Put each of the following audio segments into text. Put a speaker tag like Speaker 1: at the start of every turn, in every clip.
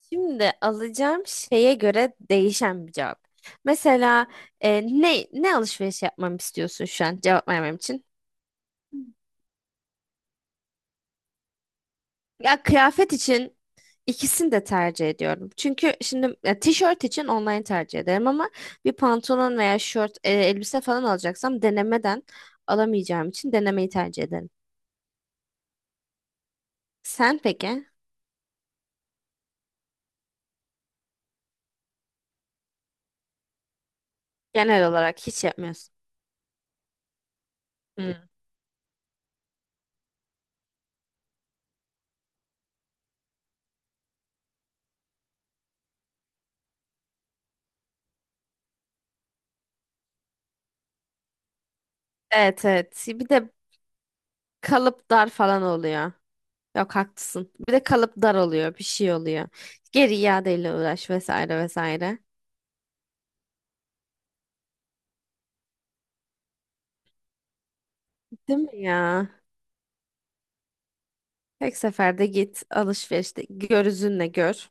Speaker 1: Şimdi alacağım şeye göre değişen bir cevap. Mesela ne alışveriş yapmamı istiyorsun şu an cevap vermem için? Ya kıyafet için ikisini de tercih ediyorum. Çünkü şimdi ya, tişört için online tercih ederim ama bir pantolon veya şort, elbise falan alacaksam denemeden alamayacağım için denemeyi tercih ederim. Sen peki? Genel olarak hiç yapmıyorsun. Hmm. Evet, evet. Bir de kalıp dar falan oluyor. Yok, haklısın. Bir de kalıp dar oluyor, bir şey oluyor. Geri iadeyle uğraş vesaire vesaire. Değil mi ya? Tek seferde git alışverişte gözünle gör.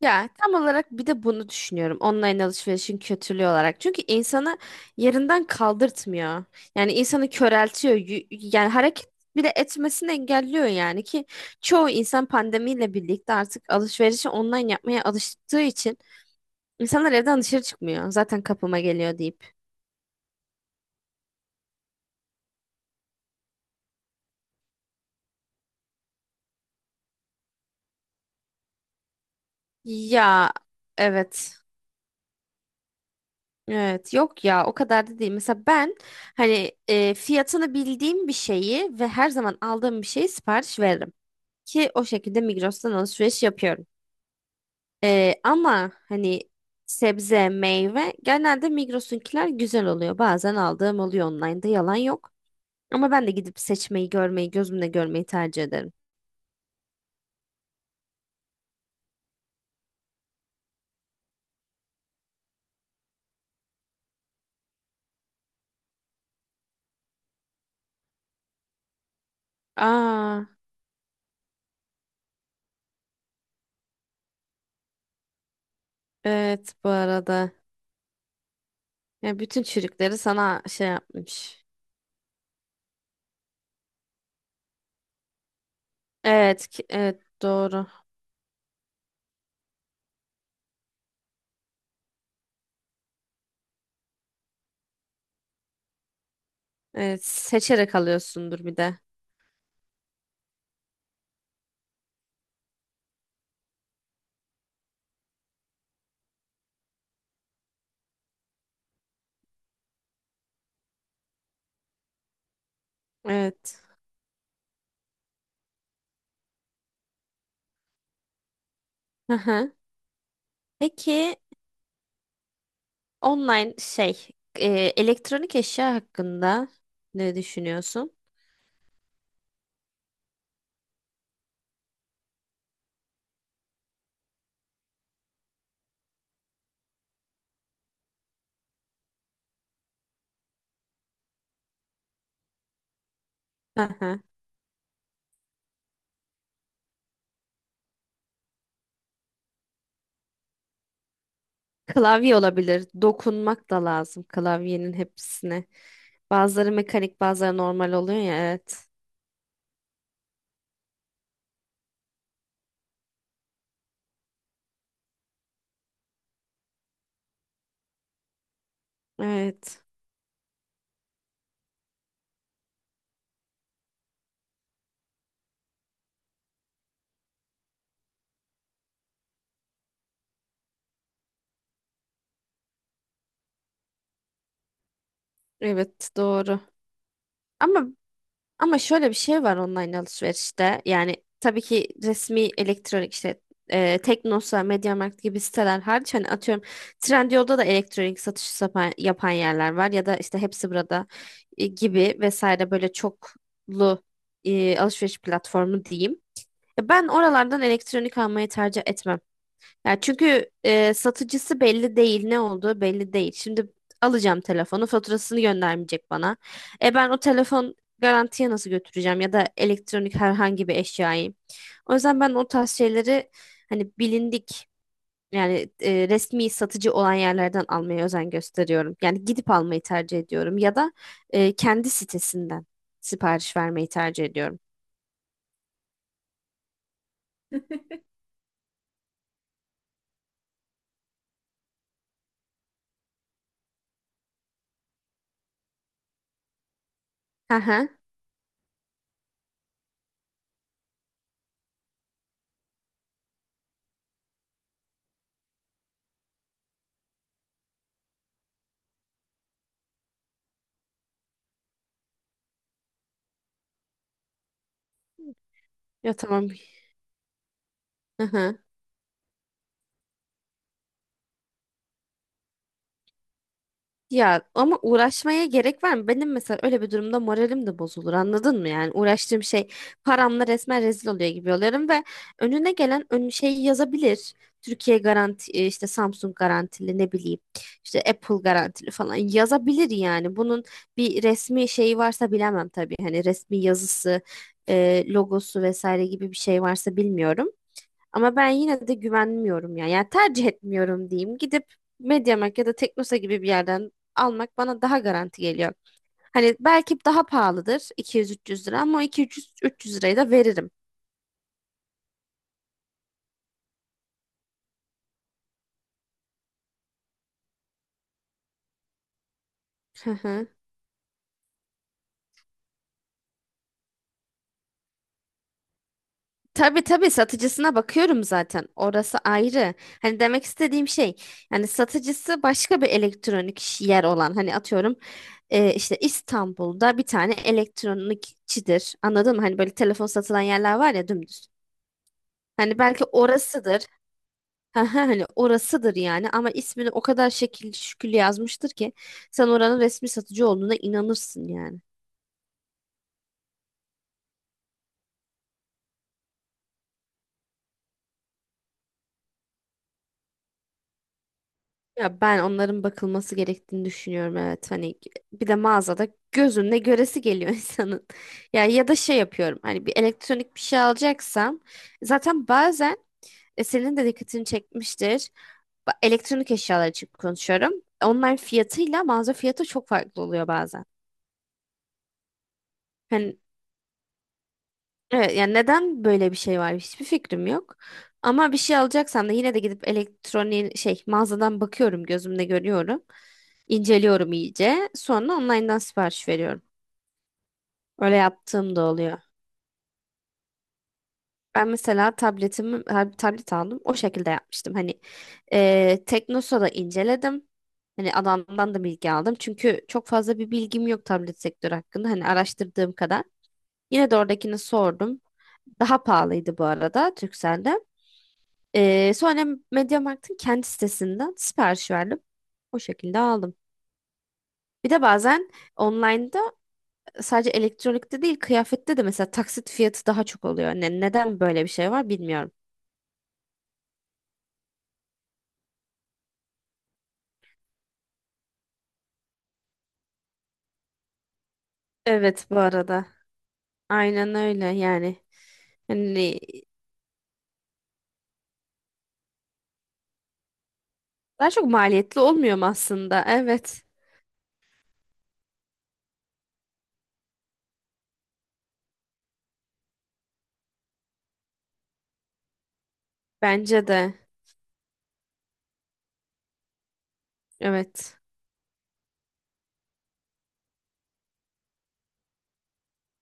Speaker 1: Ya tam olarak bir de bunu düşünüyorum. Online alışverişin kötülüğü olarak. Çünkü insanı yerinden kaldırtmıyor. Yani insanı köreltiyor. Yani hareket bile etmesini engelliyor yani ki çoğu insan pandemiyle birlikte artık alışverişi online yapmaya alıştığı için insanlar evden dışarı çıkmıyor. Zaten kapıma geliyor deyip. Ya evet. Evet, yok ya o kadar da değil. Mesela ben hani fiyatını bildiğim bir şeyi ve her zaman aldığım bir şeyi sipariş veririm. Ki o şekilde Migros'tan alışveriş yapıyorum. Ama hani sebze, meyve genelde Migros'unkiler güzel oluyor. Bazen aldığım oluyor online'da, yalan yok. Ama ben de gidip seçmeyi, görmeyi, gözümle görmeyi tercih ederim. Aa, evet, bu arada. Ya bütün çürükleri sana şey yapmış. Evet, evet, doğru. Evet, seçerek alıyorsundur bir de. Evet. Hı hı. Peki online şey, e, elektronik eşya hakkında ne düşünüyorsun? Hı hı. Klavye olabilir. Dokunmak da lazım klavyenin hepsine. Bazıları mekanik, bazıları normal oluyor ya. Evet. Evet. Evet, doğru. Ama Ama şöyle bir şey var online alışverişte. Yani tabii ki resmi elektronik işte Teknosa, MediaMarkt gibi siteler hariç, hani atıyorum Trendyol'da da elektronik satışı yapan, yapan yerler var ya da işte hepsi burada gibi vesaire, böyle çoklu alışveriş platformu diyeyim. Ya ben oralardan elektronik almayı tercih etmem. Ya çünkü satıcısı belli değil, ne olduğu belli değil. Şimdi alacağım telefonu, faturasını göndermeyecek bana. Ben o telefon garantiye nasıl götüreceğim ya da elektronik herhangi bir eşyayı. O yüzden ben o tarz şeyleri, hani bilindik yani, resmi satıcı olan yerlerden almaya özen gösteriyorum. Yani gidip almayı tercih ediyorum ya da kendi sitesinden sipariş vermeyi tercih ediyorum. Hı hı. Ya tamam. Ya ama uğraşmaya gerek var mı? Benim mesela öyle bir durumda moralim de bozulur, anladın mı? Yani uğraştığım şey paramla resmen rezil oluyor gibi oluyorum ve önüne gelen ön şeyi yazabilir. Türkiye garanti, işte Samsung garantili, ne bileyim işte Apple garantili falan yazabilir yani. Bunun bir resmi şeyi varsa bilemem tabii. Hani resmi yazısı, logosu vesaire gibi bir şey varsa bilmiyorum. Ama ben yine de güvenmiyorum yani. Yani tercih etmiyorum diyeyim. Gidip MediaMarkt ya da Teknosa gibi bir yerden almak bana daha garanti geliyor. Hani belki daha pahalıdır 200-300 lira ama o 200-300 lirayı da veririm. Hı hı. Tabii, tabii satıcısına bakıyorum zaten. Orası ayrı. Hani demek istediğim şey, yani satıcısı başka bir elektronik yer olan, hani atıyorum işte İstanbul'da bir tane elektronikçidir. Anladın mı? Hani böyle telefon satılan yerler var ya, dümdüz. Hani belki orasıdır. Ha ha, hani orasıdır yani, ama ismini o kadar şekilli şükür yazmıştır ki sen oranın resmi satıcı olduğuna inanırsın yani. Ya ben onların bakılması gerektiğini düşünüyorum, evet, hani bir de mağazada gözünle göresi geliyor insanın. Ya ya da şey yapıyorum, hani bir elektronik bir şey alacaksam zaten bazen senin de dikkatini çekmiştir. Elektronik eşyalar için konuşuyorum. Online fiyatıyla mağaza fiyatı çok farklı oluyor bazen. Hani. Evet, yani neden böyle bir şey var hiçbir fikrim yok. Ama bir şey alacaksam da yine de gidip elektronik şey mağazadan bakıyorum, gözümle görüyorum. İnceliyorum iyice. Sonra online'dan sipariş veriyorum. Öyle yaptığım da oluyor. Ben mesela tabletimi, ha, tablet aldım. O şekilde yapmıştım. Hani Teknosa'da inceledim. Hani adamdan da bilgi aldım. Çünkü çok fazla bir bilgim yok tablet sektörü hakkında. Hani araştırdığım kadar. Yine de oradakini sordum. Daha pahalıydı bu arada Turkcell'den. Sonra MediaMarkt'ın kendi sitesinden sipariş verdim. O şekilde aldım. Bir de bazen online'da sadece elektronikte değil, kıyafette de mesela taksit fiyatı daha çok oluyor. Neden böyle bir şey var bilmiyorum. Evet, bu arada. Aynen öyle yani. Hani daha çok maliyetli olmuyor mu aslında? Evet. Bence de. Evet.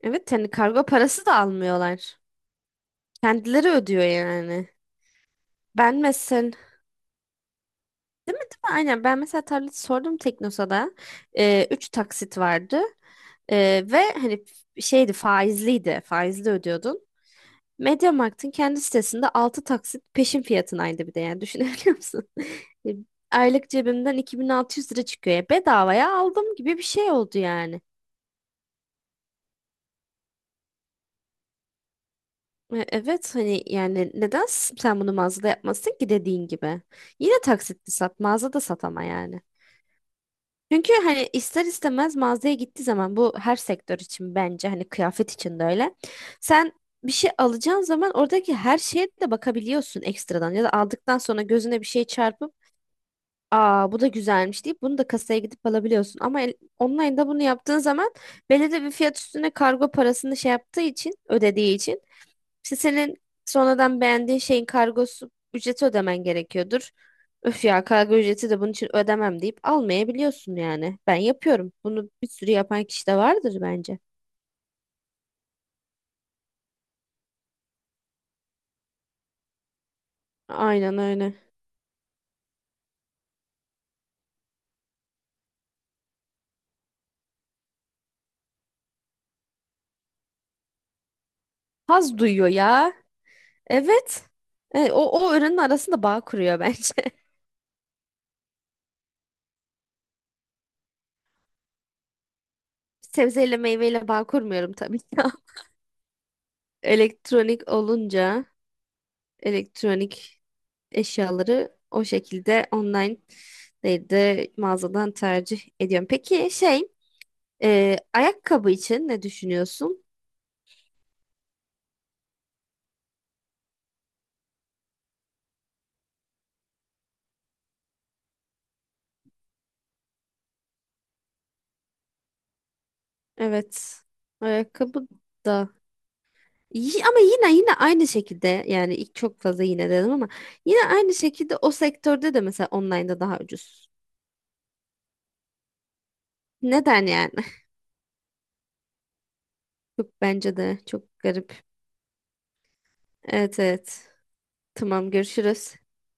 Speaker 1: Evet, yani kargo parası da almıyorlar. Kendileri ödüyor yani. Ben mesela. Değil mi, değil mi? Aynen. Ben mesela tarlacı sordum Teknosa'da. Üç taksit vardı. Ve hani şeydi, faizliydi. Faizli ödüyordun. MediaMarkt'ın kendi sitesinde 6 taksit peşin fiyatınaydı bir de, yani düşünebiliyor musun? E, Aylık cebimden 2600 lira çıkıyor. Ya bedavaya aldım gibi bir şey oldu yani. Evet, hani yani neden sen bunu mağazada yapmasın ki, dediğin gibi. Yine taksitli sat, mağazada sat ama, yani. Çünkü hani ister istemez mağazaya gittiği zaman, bu her sektör için bence, hani kıyafet için de öyle. Sen bir şey alacağın zaman oradaki her şeye de bakabiliyorsun ekstradan, ya da aldıktan sonra gözüne bir şey çarpıp aa bu da güzelmiş deyip bunu da kasaya gidip alabiliyorsun. Ama online'da bunu yaptığın zaman belirli bir fiyat üstüne kargo parasını şey yaptığı için, ödediği için, işte senin sonradan beğendiğin şeyin kargosu ücreti ödemen gerekiyordur. Öf ya, kargo ücreti de bunun için ödemem deyip almayabiliyorsun yani. Ben yapıyorum. Bunu bir sürü yapan kişi de vardır bence. Aynen öyle. Haz duyuyor ya. Evet. O öğrenin arasında bağ kuruyor bence. Sebzeyle meyveyle bağ kurmuyorum tabii ki. Elektronik olunca elektronik eşyaları o şekilde online değil de mağazadan tercih ediyorum. Peki şey. Ayakkabı için ne düşünüyorsun? Evet. Ayakkabı da. Ama yine yine aynı şekilde, yani ilk çok fazla yine dedim ama yine aynı şekilde o sektörde de mesela online'da daha ucuz. Neden yani? Çok, bence de çok garip. Evet, evet. Tamam, görüşürüz.